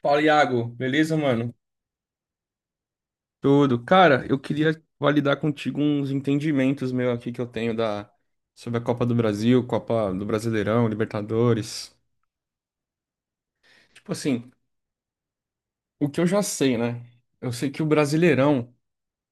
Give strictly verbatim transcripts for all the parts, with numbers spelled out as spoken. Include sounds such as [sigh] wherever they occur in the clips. Fala, Iago. Beleza, mano? Tudo. Cara, eu queria validar contigo uns entendimentos meu aqui que eu tenho da sobre a Copa do Brasil, Copa do Brasileirão, Libertadores. Tipo assim, o que eu já sei, né? Eu sei que o Brasileirão,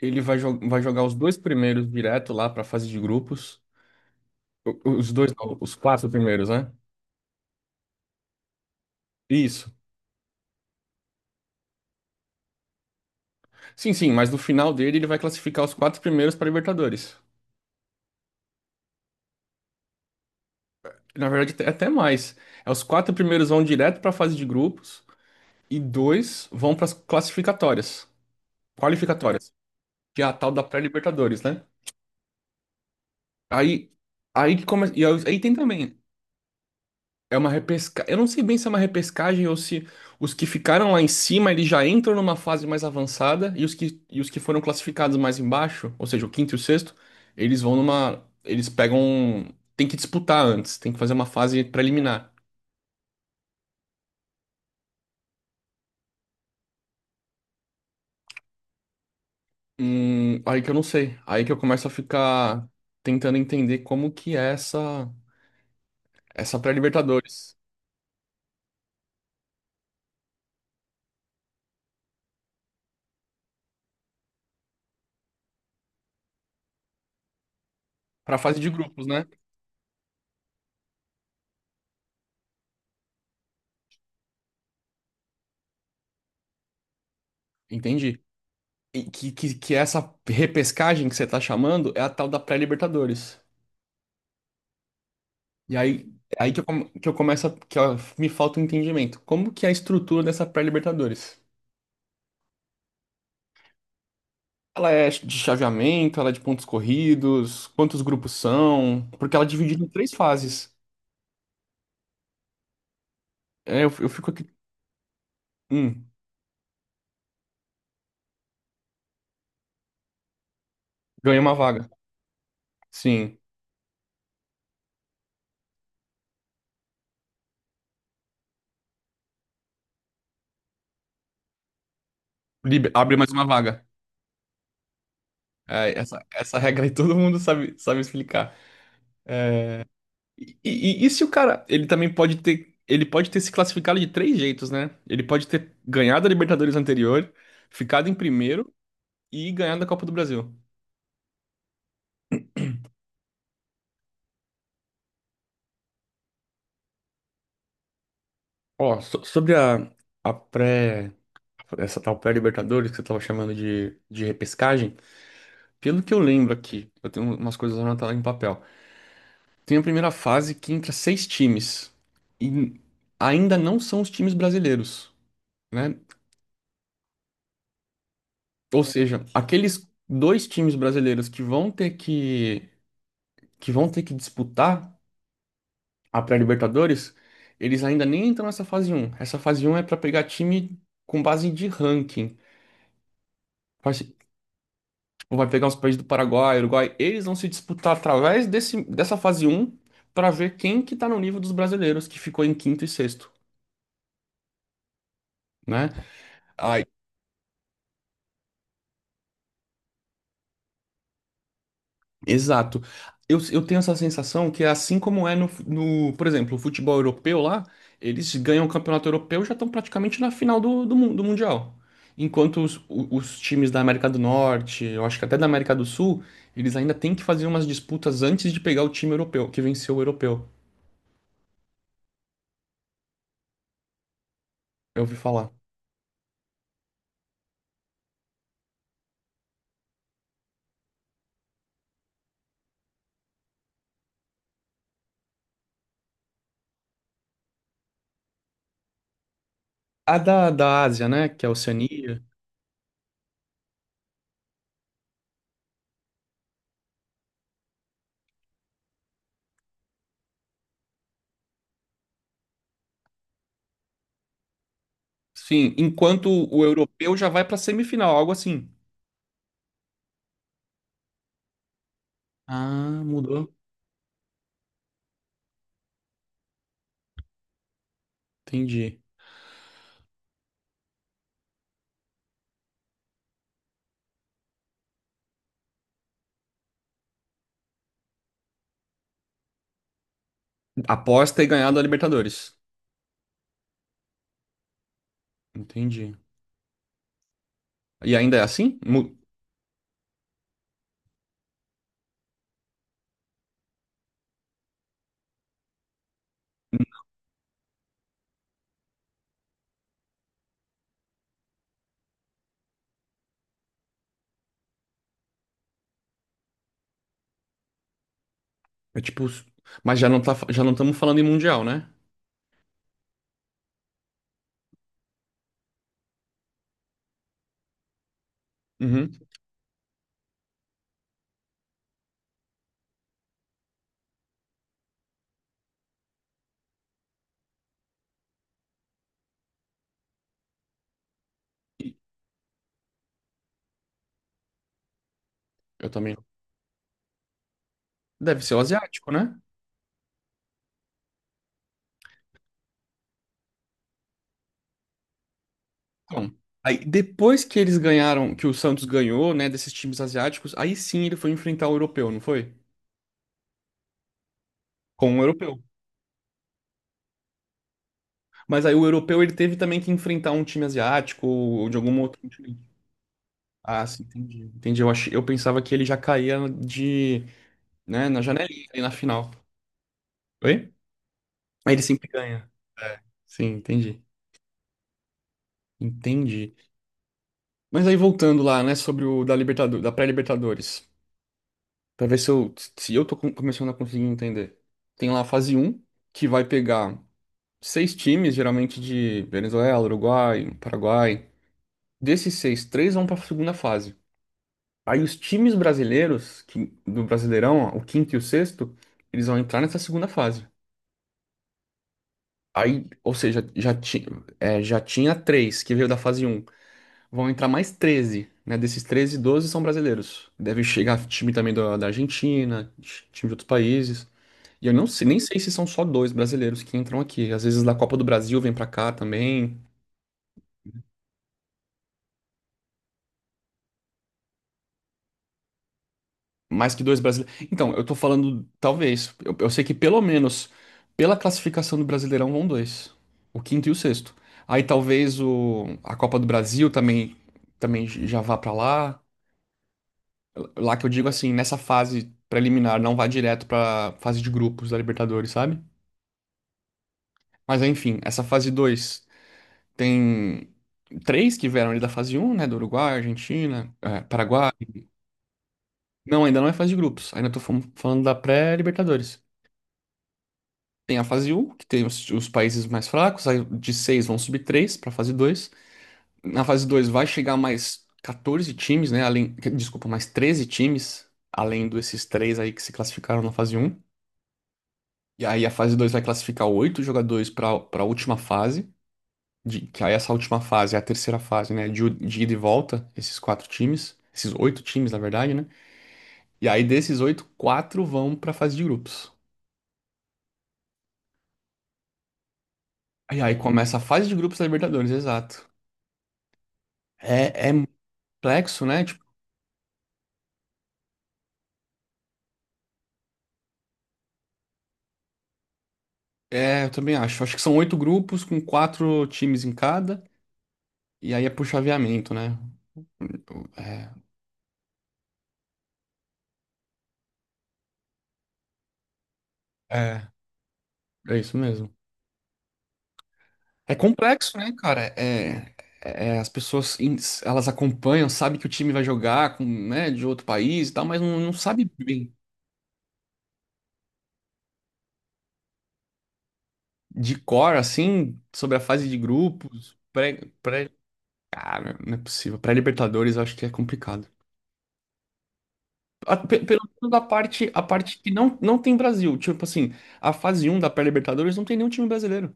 ele vai, jo- vai jogar os dois primeiros direto lá pra fase de grupos. O- Os dois, não, os quatro primeiros, né? Isso. Sim, sim, mas no final dele ele vai classificar os quatro primeiros para Libertadores. Na verdade, até até mais. É os quatro primeiros vão direto para a fase de grupos. E dois vão para as classificatórias, qualificatórias, que é a tal da pré-Libertadores, né? Aí, aí que começa, e aí tem também, é uma repesca, eu não sei bem se é uma repescagem ou se os que ficaram lá em cima, eles já entram numa fase mais avançada e os que, e os que foram classificados mais embaixo, ou seja, o quinto e o sexto, eles vão numa, eles pegam, tem que disputar antes, tem que fazer uma fase preliminar. Hum, aí que eu não sei, aí que eu começo a ficar tentando entender como que é essa Essa pré-Libertadores. Pra Libertadores. Pra fase de grupos, né? Entendi. E que, que, que essa repescagem que você tá chamando é a tal da pré-Libertadores. E aí, é aí que eu, come- que eu começo, a- que ó, me falta um entendimento. Como que é a estrutura dessa pré-Libertadores? Ela é de chaveamento, ela é de pontos corridos, quantos grupos são? Porque ela é dividida em três fases. É, eu, eu fico aqui. Hum, Ganhei uma vaga. Sim. Liber- Abre mais uma vaga. É, essa, essa regra aí [laughs] todo mundo sabe, sabe explicar. E, e- e se o cara, ele também pode ter, ele pode ter se classificado de três jeitos, né? Ele pode ter ganhado a Libertadores anterior, ficado em primeiro e ganhado a Copa do Brasil. Ó, so- sobre a, a pré, essa tal pré-Libertadores que você tava chamando de, de, repescagem, pelo que eu lembro aqui, eu tenho umas coisas anotadas em papel. Tem a primeira fase que entra seis times e ainda não são os times brasileiros, né? Ou seja, aqueles dois times brasileiros que vão ter que que vão ter que disputar a pré-Libertadores, eles ainda nem entram nessa fase um. Essa fase um é para pegar time com base de ranking. Vai se- tipo, vai pegar os países do Paraguai, Uruguai, eles vão se disputar através desse, dessa fase um para ver quem que tá no nível dos brasileiros que ficou em quinto e sexto, né? Exato. Eu, eu tenho essa sensação que é assim como é no, no, por exemplo, o futebol europeu lá, eles ganham o campeonato europeu e já estão praticamente na final do, do, mun- do Mundial. Enquanto os, o- os times da América do Norte, eu acho que até da América do Sul, eles ainda têm que fazer umas disputas antes de pegar o time europeu, que venceu o europeu. Eu ouvi falar. A da, da Ásia, né? Que é a Oceania. Sim, enquanto o europeu já vai pra semifinal, algo assim. Ah, mudou. Entendi. Após ter ganhado a Libertadores. Entendi. E ainda é assim? Mu- É tipo. Mas já não tá, já não estamos falando em mundial, né? Uhum. Eu também. Deve ser o asiático, né? Então, aí depois que eles ganharam, que o Santos ganhou, né, desses times asiáticos, aí sim ele foi enfrentar o europeu, não foi? Com o europeu. Mas aí o europeu ele teve também que enfrentar um time asiático ou de algum outro time. Ah, sim, entendi. Entendi. Eu achei, eu pensava que ele já caía de, né, na janelinha ali na final. Oi? Aí ele sempre ganha. É. Sim, entendi. Entendi. Mas aí voltando lá, né, sobre o da Libertadores, da pré-Libertadores. Pra ver se eu, se eu tô com- começando a conseguir entender. Tem lá a fase um que vai pegar seis times, geralmente de Venezuela, Uruguai, Paraguai. Desses seis, três vão pra segunda fase. Aí os times brasileiros, que, do Brasileirão, ó, o quinto e o sexto, eles vão entrar nessa segunda fase. Aí, ou seja, já, ti, é, já tinha três que veio da fase um. Vão entrar mais treze, né? Desses treze, doze são brasileiros. Deve chegar time também da da Argentina, ti- time de outros países. E eu não sei, nem sei se são só dois brasileiros que entram aqui. Às vezes da Copa do Brasil vem pra cá também. Mais que dois brasileiros. Então, eu tô falando, talvez. Eu, eu sei que pelo menos pela classificação do Brasileirão vão dois. O quinto e o sexto. Aí talvez o, a Copa do Brasil também, também já vá pra lá. Lá que eu digo assim, nessa fase preliminar, não vai direto pra fase de grupos da Libertadores, sabe? Mas enfim, essa fase dois tem três que vieram ali da fase um, né? Do Uruguai, Argentina, eh, Paraguai. Não, ainda não é fase de grupos. Ainda tô fam- falando da pré-Libertadores. Tem a fase um que tem os, os países mais fracos, aí de seis vão subir três para fase dois. Na fase dois vai chegar mais quatorze times, né? Além, que- desculpa, mais treze times, além desses três aí que se classificaram na fase um. E aí a fase dois vai classificar oito jogadores para para a última fase, de, que aí essa última fase é a terceira fase, né? De, de ida e volta, esses quatro times, esses oito times, na verdade, né? E aí desses oito, quatro vão para a fase de grupos. E aí começa a fase de grupos da Libertadores, exato. É, é complexo, né? Tipo, é, eu também acho. Acho que são oito grupos com quatro times em cada, e aí é por chaveamento, né? É, é, É isso mesmo. É complexo, né, cara? É, é- é, as pessoas in- elas acompanham, sabem que o time vai jogar com, né, de outro país e tal, mas não, não sabe bem de cor, assim, sobre a fase de grupos, pré, pré, ah, não é possível. Pré-Libertadores, eu acho que é complicado. A- pe- Pelo menos a parte, a parte que não, não tem Brasil. Tipo assim, a fase um da pré-Libertadores não tem nenhum time brasileiro.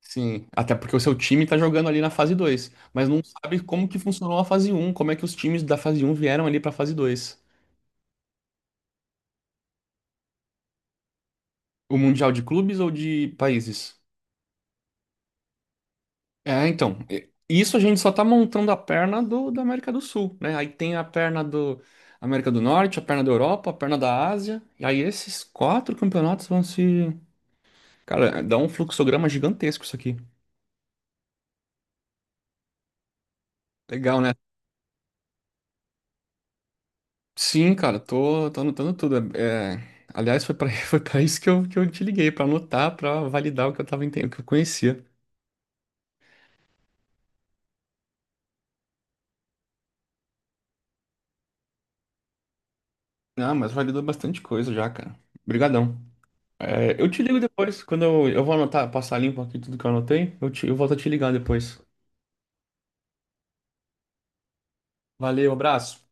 Sim, até porque o seu time tá jogando ali na fase dois, mas não sabe como que funcionou a fase um, como é que os times da fase um vieram ali pra fase dois. O Mundial de clubes ou de países? É, então, e- isso a gente só tá montando a perna do, da América do Sul, né? Aí tem a perna do América do Norte, a perna da Europa, a perna da Ásia, e aí esses quatro campeonatos vão se. Cara, dá um fluxograma gigantesco isso aqui. Legal, né? Sim, cara, tô, tô anotando tudo. É, aliás, foi pra, [laughs] foi pra isso que eu, que eu te liguei, pra anotar, pra validar o que eu tava entendendo, o que eu conhecia. Ah, mas validou bastante coisa já, cara. Obrigadão. É, eu te ligo depois, quando eu, eu vou anotar, passar limpo aqui tudo que eu anotei, eu, te, eu volto a te ligar depois. Valeu, abraço.